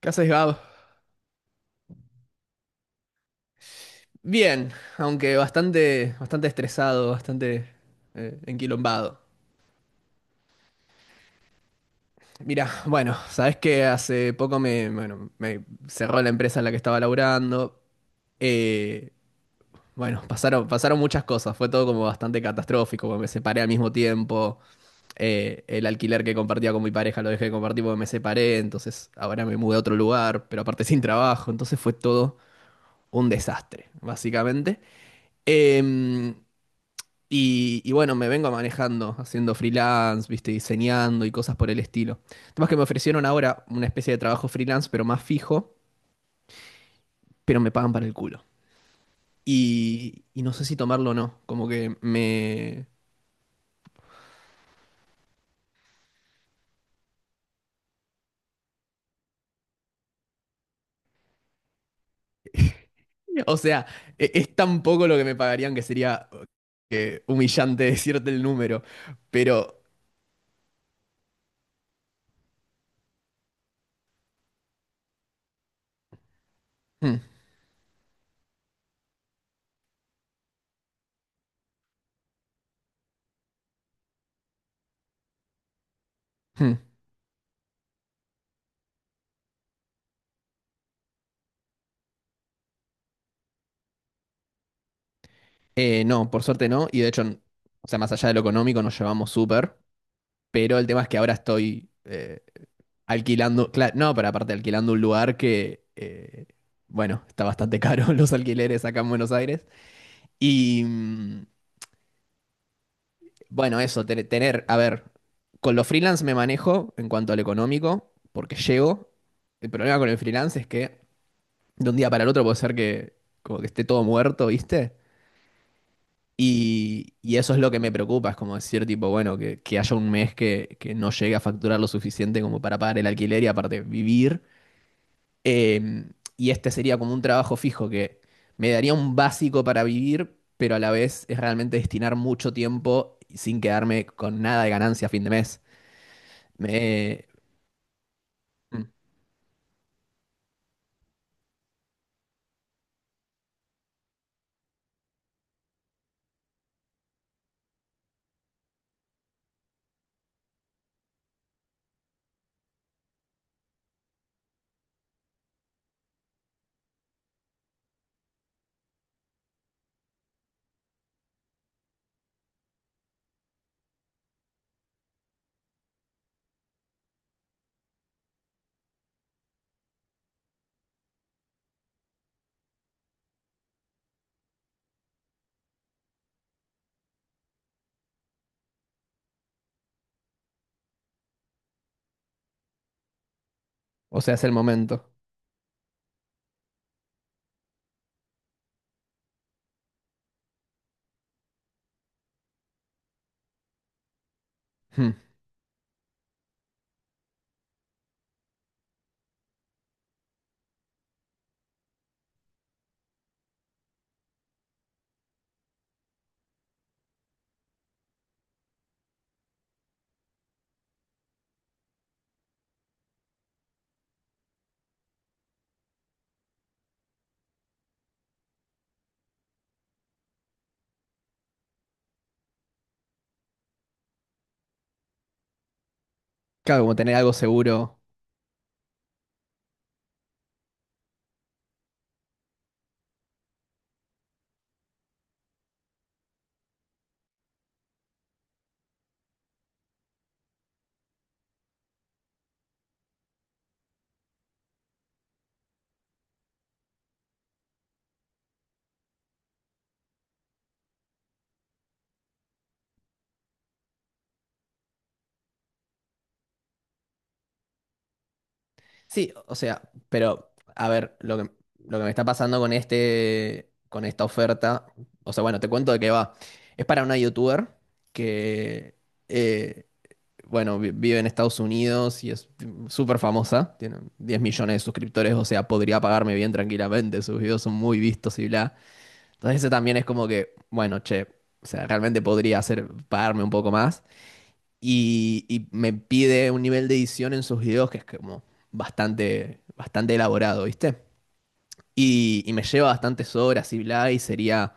¿Qué haces, Gab? Bien, aunque bastante, bastante estresado, bastante enquilombado. Mira, bueno, sabes que hace poco bueno, me cerró la empresa en la que estaba laburando. Eh, bueno, pasaron muchas cosas, fue todo como bastante catastrófico, porque me separé al mismo tiempo. El alquiler que compartía con mi pareja lo dejé de compartir porque me separé, entonces ahora me mudé a otro lugar, pero aparte sin trabajo, entonces fue todo un desastre, básicamente. Em, y bueno, me vengo manejando, haciendo freelance, viste, diseñando y cosas por el estilo. El tema es que me ofrecieron ahora una especie de trabajo freelance, pero más fijo, pero me pagan para el culo. Y no sé si tomarlo o no, como que me... O sea, es tan poco lo que me pagarían que sería humillante decirte el número, pero... mm, mm. No, por suerte no, y de hecho, o sea, más allá de lo económico nos llevamos súper, pero el tema es que ahora estoy... alquilando, claro, no, pero aparte alquilando un lugar bueno, está bastante caro los alquileres acá en Buenos Aires. Y bueno, eso, tener, a ver, con los freelance me manejo en cuanto al económico, porque llego. El problema con el freelance es que de un día para el otro puede ser que como que esté todo muerto, ¿viste? Y eso es lo que me preocupa, es como decir, tipo, bueno, que haya un mes que no llegue a facturar lo suficiente como para pagar el alquiler y aparte vivir. Eh, y este sería como un trabajo fijo que me daría un básico para vivir, pero a la vez es realmente destinar mucho tiempo sin quedarme con nada de ganancia a fin de mes. Me- mm, o sea, es el momento. Mm. Claro, como tener algo seguro. Sí, o sea, pero a ver, lo que me está pasando con este, con esta oferta, o sea, bueno, te cuento de qué va. Es para una youtuber que eh, bueno, vive en Estados Unidos y es súper famosa, tiene 10 millones de suscriptores, o sea, podría pagarme bien tranquilamente, sus videos son muy vistos y bla. Entonces ese también es como que, bueno, che, o sea, realmente podría hacer, pagarme un poco más. Y me pide un nivel de edición en sus videos que es como bastante, bastante elaborado, ¿viste? Y me lleva bastantes horas y bla, y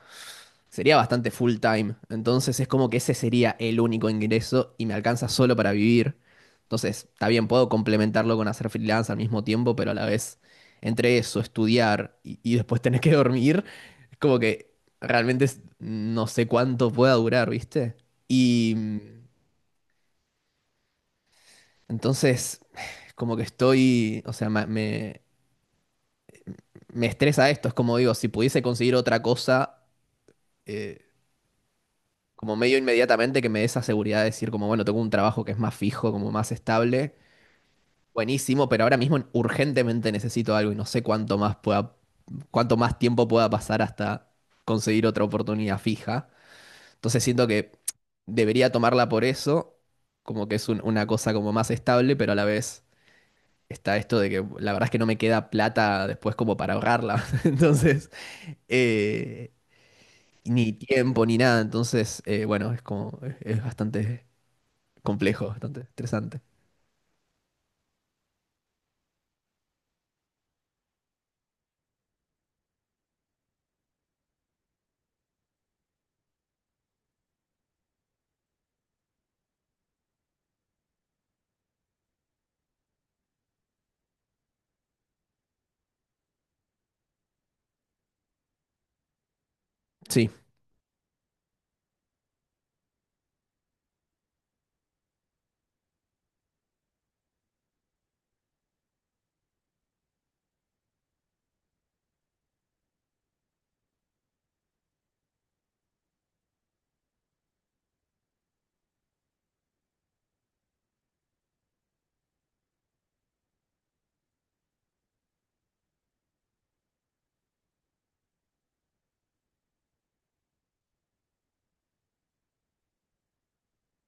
sería bastante full time. Entonces es como que ese sería el único ingreso y me alcanza solo para vivir. Entonces, está bien, puedo complementarlo con hacer freelance al mismo tiempo, pero a la vez, entre eso, estudiar y después tener que dormir, es como que realmente no sé cuánto pueda durar, ¿viste? Y entonces, como que estoy, o sea, me estresa esto. Es como digo, si pudiese conseguir otra cosa. eh, como medio inmediatamente que me dé esa seguridad de decir como, bueno, tengo un trabajo que es más fijo, como más estable, buenísimo, pero ahora mismo urgentemente necesito algo y no sé cuánto más pueda, cuánto más tiempo pueda pasar hasta conseguir otra oportunidad fija. Entonces siento que debería tomarla por eso, como que es una cosa como más estable, pero a la vez está esto de que la verdad es que no me queda plata después como para ahorrarla. Entonces, eh, ni tiempo ni nada. Entonces, bueno, es como, es bastante complejo, bastante estresante. Sí.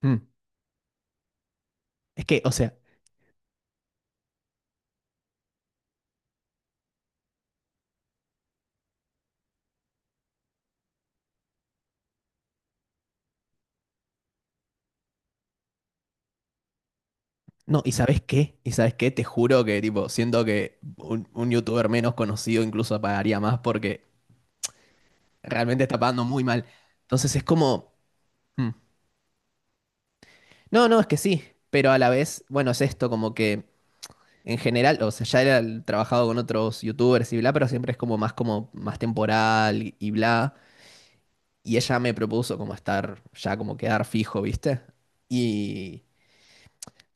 Mm. Es que, o sea, no, ¿y sabes qué? ¿Y sabes qué? Te juro que, tipo, siento que un youtuber menos conocido incluso pagaría más porque realmente está pagando muy mal. Entonces es como. Mm. No, no, es que sí. Pero a la vez, bueno, es esto, como que en general, o sea, ya era trabajado con otros youtubers y bla, pero siempre es como más temporal y bla. Y ella me propuso como estar ya como quedar fijo, ¿viste? Y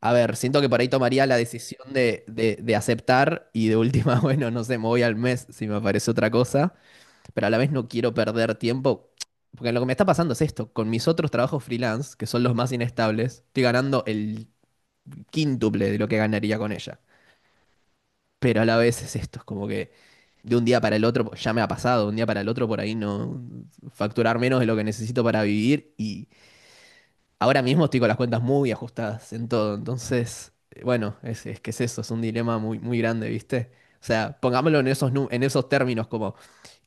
a ver, siento que por ahí tomaría la decisión de aceptar y de última, bueno, no sé, me voy al mes si me aparece otra cosa, pero a la vez no quiero perder tiempo, porque lo que me está pasando es esto, con mis otros trabajos freelance, que son los más inestables, estoy ganando el quíntuple de lo que ganaría con ella, pero a la vez es esto, es como que de un día para el otro, ya me ha pasado, de un día para el otro por ahí no facturar menos de lo que necesito para vivir y ahora mismo estoy con las cuentas muy ajustadas en todo, entonces, bueno, es que es eso, es un dilema muy, muy grande, ¿viste? O sea, pongámoslo en esos, en esos términos, como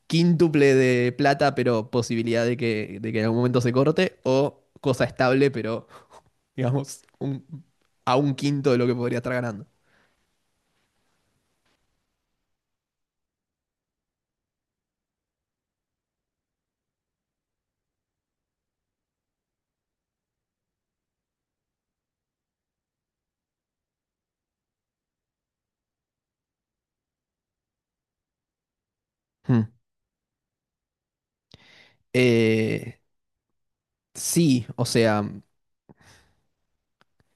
quíntuple de plata, pero posibilidad de de que en algún momento se corte, o cosa estable, pero digamos, a un quinto de lo que podría estar ganando. Hmm. Eh, sí, o sea,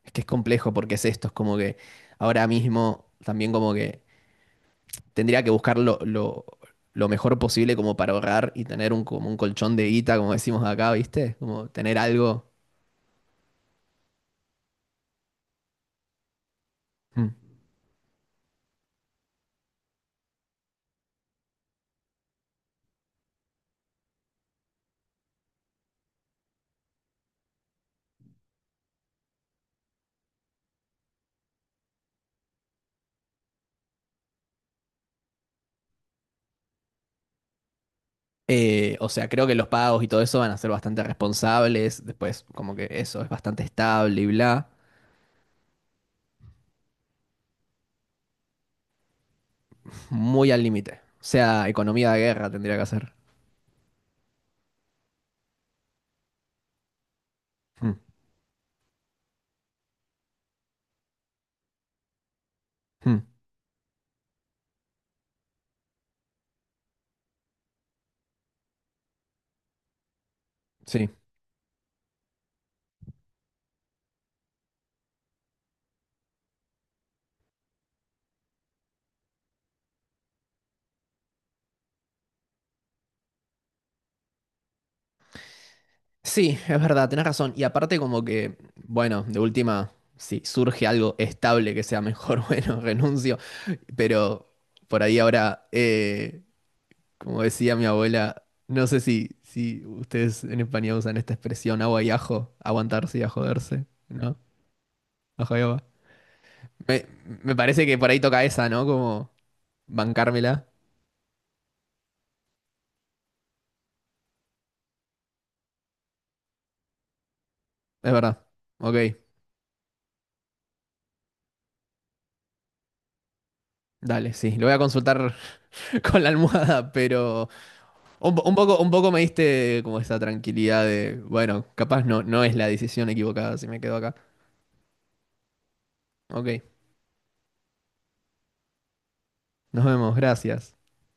es que es complejo porque es esto, es como que ahora mismo también como que tendría que buscar lo mejor posible como para ahorrar y tener un, como un colchón de guita, como decimos acá, ¿viste? Como tener algo. Mm. O sea, creo que los pagos y todo eso van a ser bastante responsables. Después, como que eso es bastante estable y bla. Muy al límite. O sea, economía de guerra tendría que hacer. Mm, mm. Sí. Sí, es verdad, tenés razón. Y aparte, como que, bueno, de última, si surge algo estable que sea mejor, bueno, renuncio. Pero por ahí ahora, como decía mi abuela, no sé si, si ustedes en España usan esta expresión agua y ajo, aguantarse y a joderse, ¿no? Ajo y agua. Me, me parece que por ahí toca esa, ¿no? Como bancármela. Es verdad. Ok, dale, sí. Lo voy a consultar con la almohada, pero un, un poco me diste como esa tranquilidad de, bueno, capaz no, no es la decisión equivocada si me quedo acá. Ok, nos vemos, gracias.